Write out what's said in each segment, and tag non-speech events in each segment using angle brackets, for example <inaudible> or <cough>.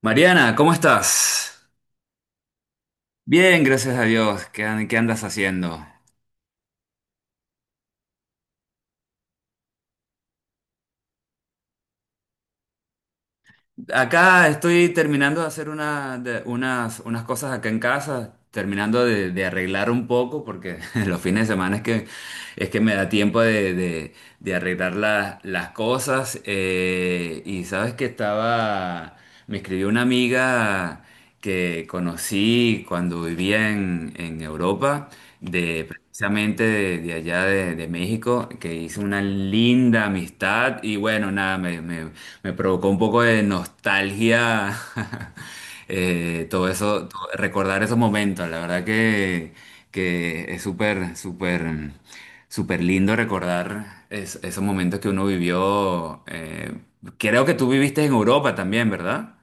Mariana, ¿cómo estás? Bien, gracias a Dios. ¿ Qué andas haciendo? Acá estoy terminando de hacer unas cosas acá en casa, terminando de arreglar un poco, porque <laughs> los fines de semana es que me da tiempo de arreglar las cosas. Y sabes que estaba, me escribió una amiga que conocí cuando vivía en Europa, de precisamente de de México, que hizo una linda amistad y bueno, nada, me provocó un poco de nostalgia. <laughs> Recordar esos momentos, la verdad que es súper. Súper lindo recordar esos momentos que uno vivió. Creo que tú viviste en Europa también, ¿verdad?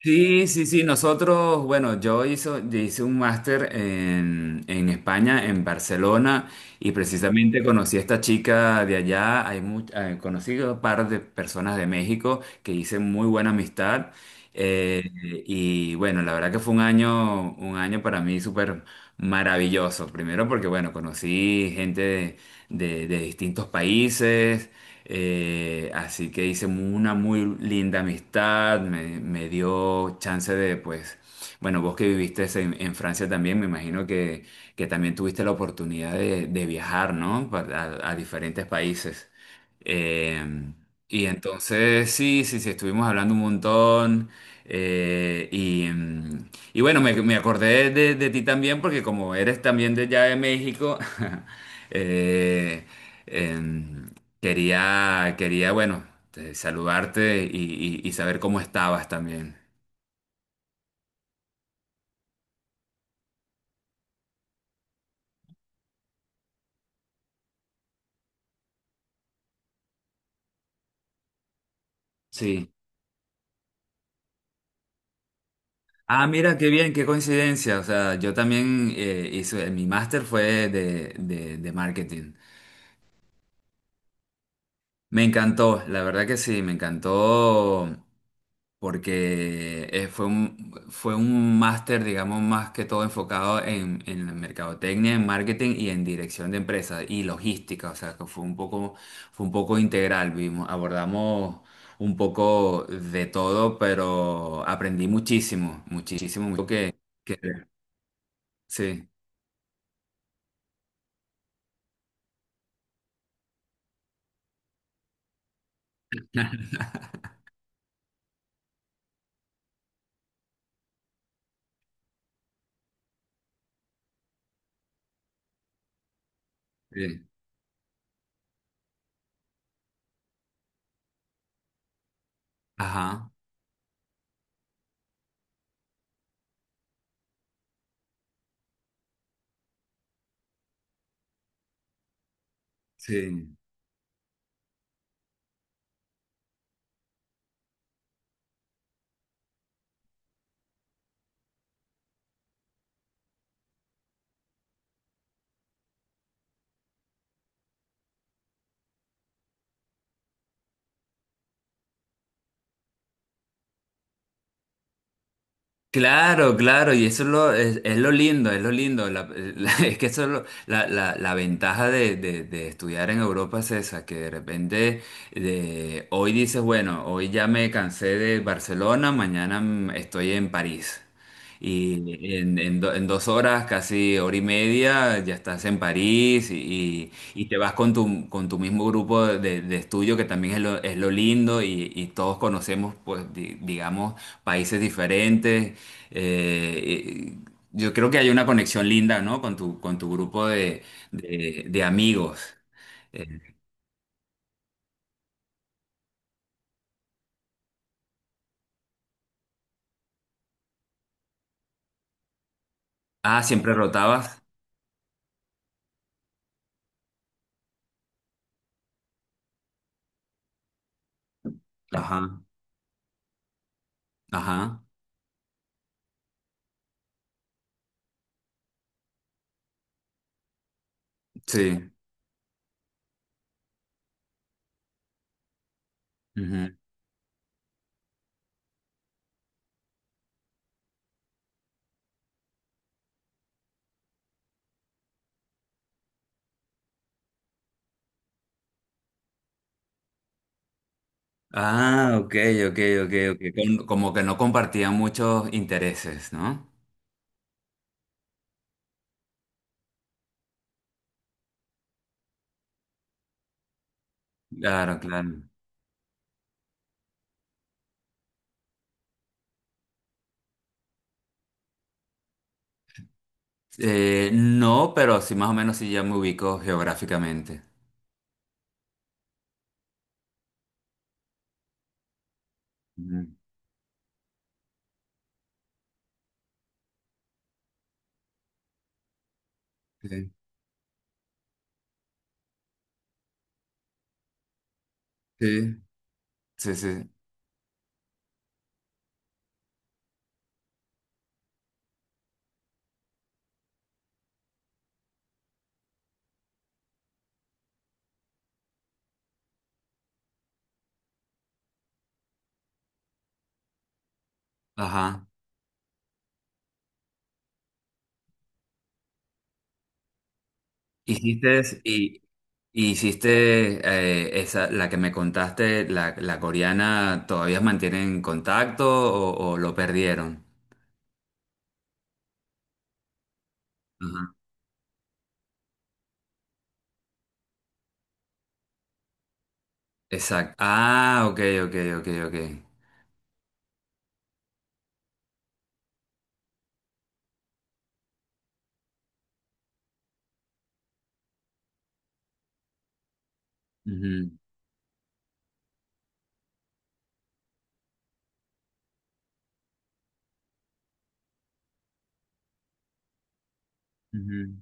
Sí, sí, sí, nosotros, bueno, yo hice un máster en España, en Barcelona, y precisamente conocí a esta chica de allá, conocí a un par de personas de México que hice muy buena amistad, eh, y bueno, la verdad que fue un año para mí súper maravilloso, primero porque, bueno, conocí gente de distintos países, así que hice una muy linda amistad, me dio chance de, pues, bueno, vos que viviste en Francia también, me imagino que también tuviste la oportunidad de viajar, ¿no? A diferentes países. Eh, y entonces, sí, sí, sí, estuvimos hablando un montón. Y bueno, me acordé de ti también porque como eres también de allá de México, <laughs> eh, em, Quería, bueno, saludarte y saber cómo estabas también. Sí. Ah, mira, qué bien, qué coincidencia. O sea, yo también hice, mi máster fue de marketing. Me encantó, la verdad que sí, me encantó porque fue un máster, digamos, más que todo enfocado en la mercadotecnia, en marketing y en dirección de empresas y logística, o sea, que fue un poco integral, vimos, abordamos un poco de todo, pero aprendí muchísimo, muchísimo, mucho que sí, sí, ajá, sí. Claro, claro, y eso es lo lindo, es lo lindo. <laughs> Es que eso es la ventaja de estudiar en Europa es esa, que de repente hoy dices, bueno, hoy ya me cansé de Barcelona, mañana estoy en París. Y en dos horas, casi hora y media, ya estás en París y te vas con tu mismo grupo de estudio, que también es lo lindo y todos conocemos, pues, digamos, países diferentes. Eh, y- yo creo que hay una conexión linda, ¿no? Con tu grupo de amigos. Eh, ah, siempre rotabas. Ajá, ajá, sí. Ah, ok, ok, ok, ok. Como que no compartían muchos intereses, ¿no? Claro, claro. No, pero sí, más o menos sí ya me ubico geográficamente. Ujú. Sí, sí, sí, sí. Ajá. Hiciste, y, y hiciste esa, la que me contaste, la coreana, ¿todavía mantienen contacto o lo perdieron? Ajá. Exacto. Ah, ok, ok, ok, ok. Ujú, ujú.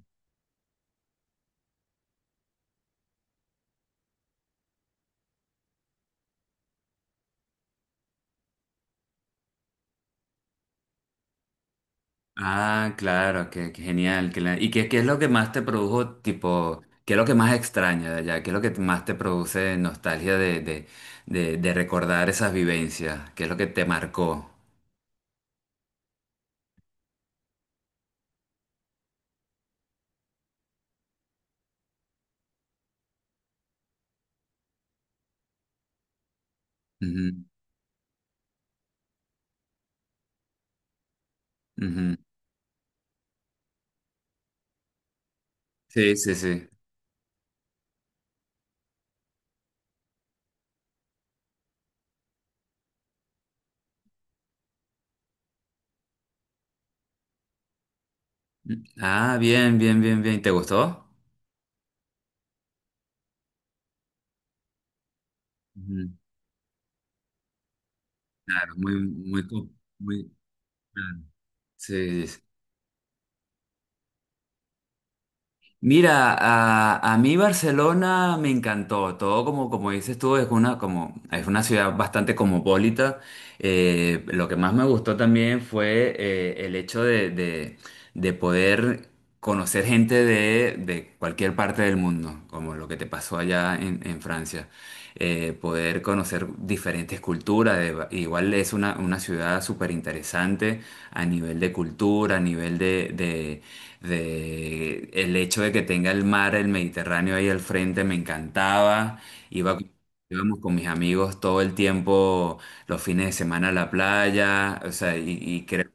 Ah, claro, qué, qué genial. ¿Y qué, qué es lo que más te produjo, tipo, qué es lo que más extraña de allá? ¿Qué es lo que más te produce nostalgia de, recordar esas vivencias? ¿Qué es lo que te marcó? Ujú, ujú. Sí, sí, sí. Ah, bien, bien, bien, bien. ¿Te gustó? Ujú. Claro, muy, muy, muy, claro. Sí, sí, mira, a mí Barcelona me encantó, todo como, como dices tú, es una, como, es una ciudad bastante cosmopolita. Lo que más me gustó también fue el hecho de poder conocer gente de cualquier parte del mundo, como lo que te pasó allá en Francia poder conocer diferentes culturas. Igual es una ciudad súper interesante a nivel de cultura, a nivel el hecho de que tenga el mar, el Mediterráneo ahí al frente, me encantaba. Iba, Íbamos con mis amigos todo el tiempo, los fines de semana a la playa, o sea, y creo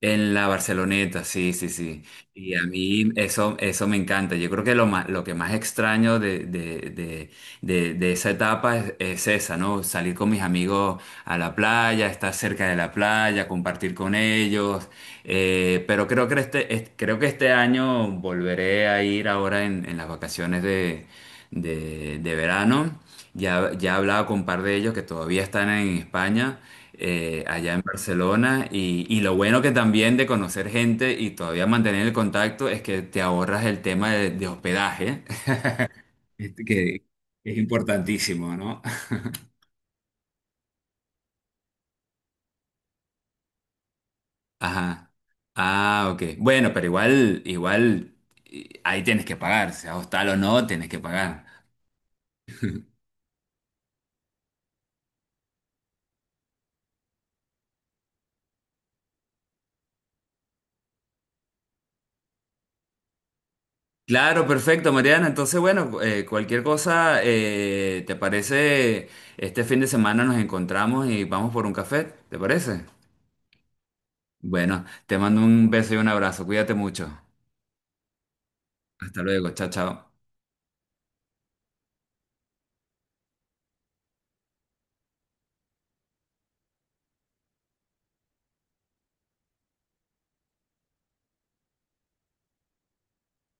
en la Barceloneta, sí, sí, sí. Y a mí eso, eso me encanta. Yo creo que lo más, lo que más extraño de esa etapa es esa, ¿no? Salir con mis amigos a la playa, estar cerca de la playa, compartir con ellos. Pero creo que creo que este año volveré a ir ahora en las vacaciones de verano. Ya, ya he hablado con un par de ellos que todavía están en España allá en Barcelona. Y lo bueno que también de conocer gente y todavía mantener el contacto es que te ahorras el tema de hospedaje, <laughs> este, que es importantísimo, ¿no? Ajá. Ah, ok. Bueno, pero igual, igual ahí tienes que pagar, sea hostal o no, tienes que pagar. Claro, perfecto, Mariana. Entonces, bueno, cualquier cosa, ¿te parece? Este fin de semana nos encontramos y vamos por un café, ¿te parece? Bueno, te mando un beso y un abrazo. Cuídate mucho. Hasta luego. Chao, chao.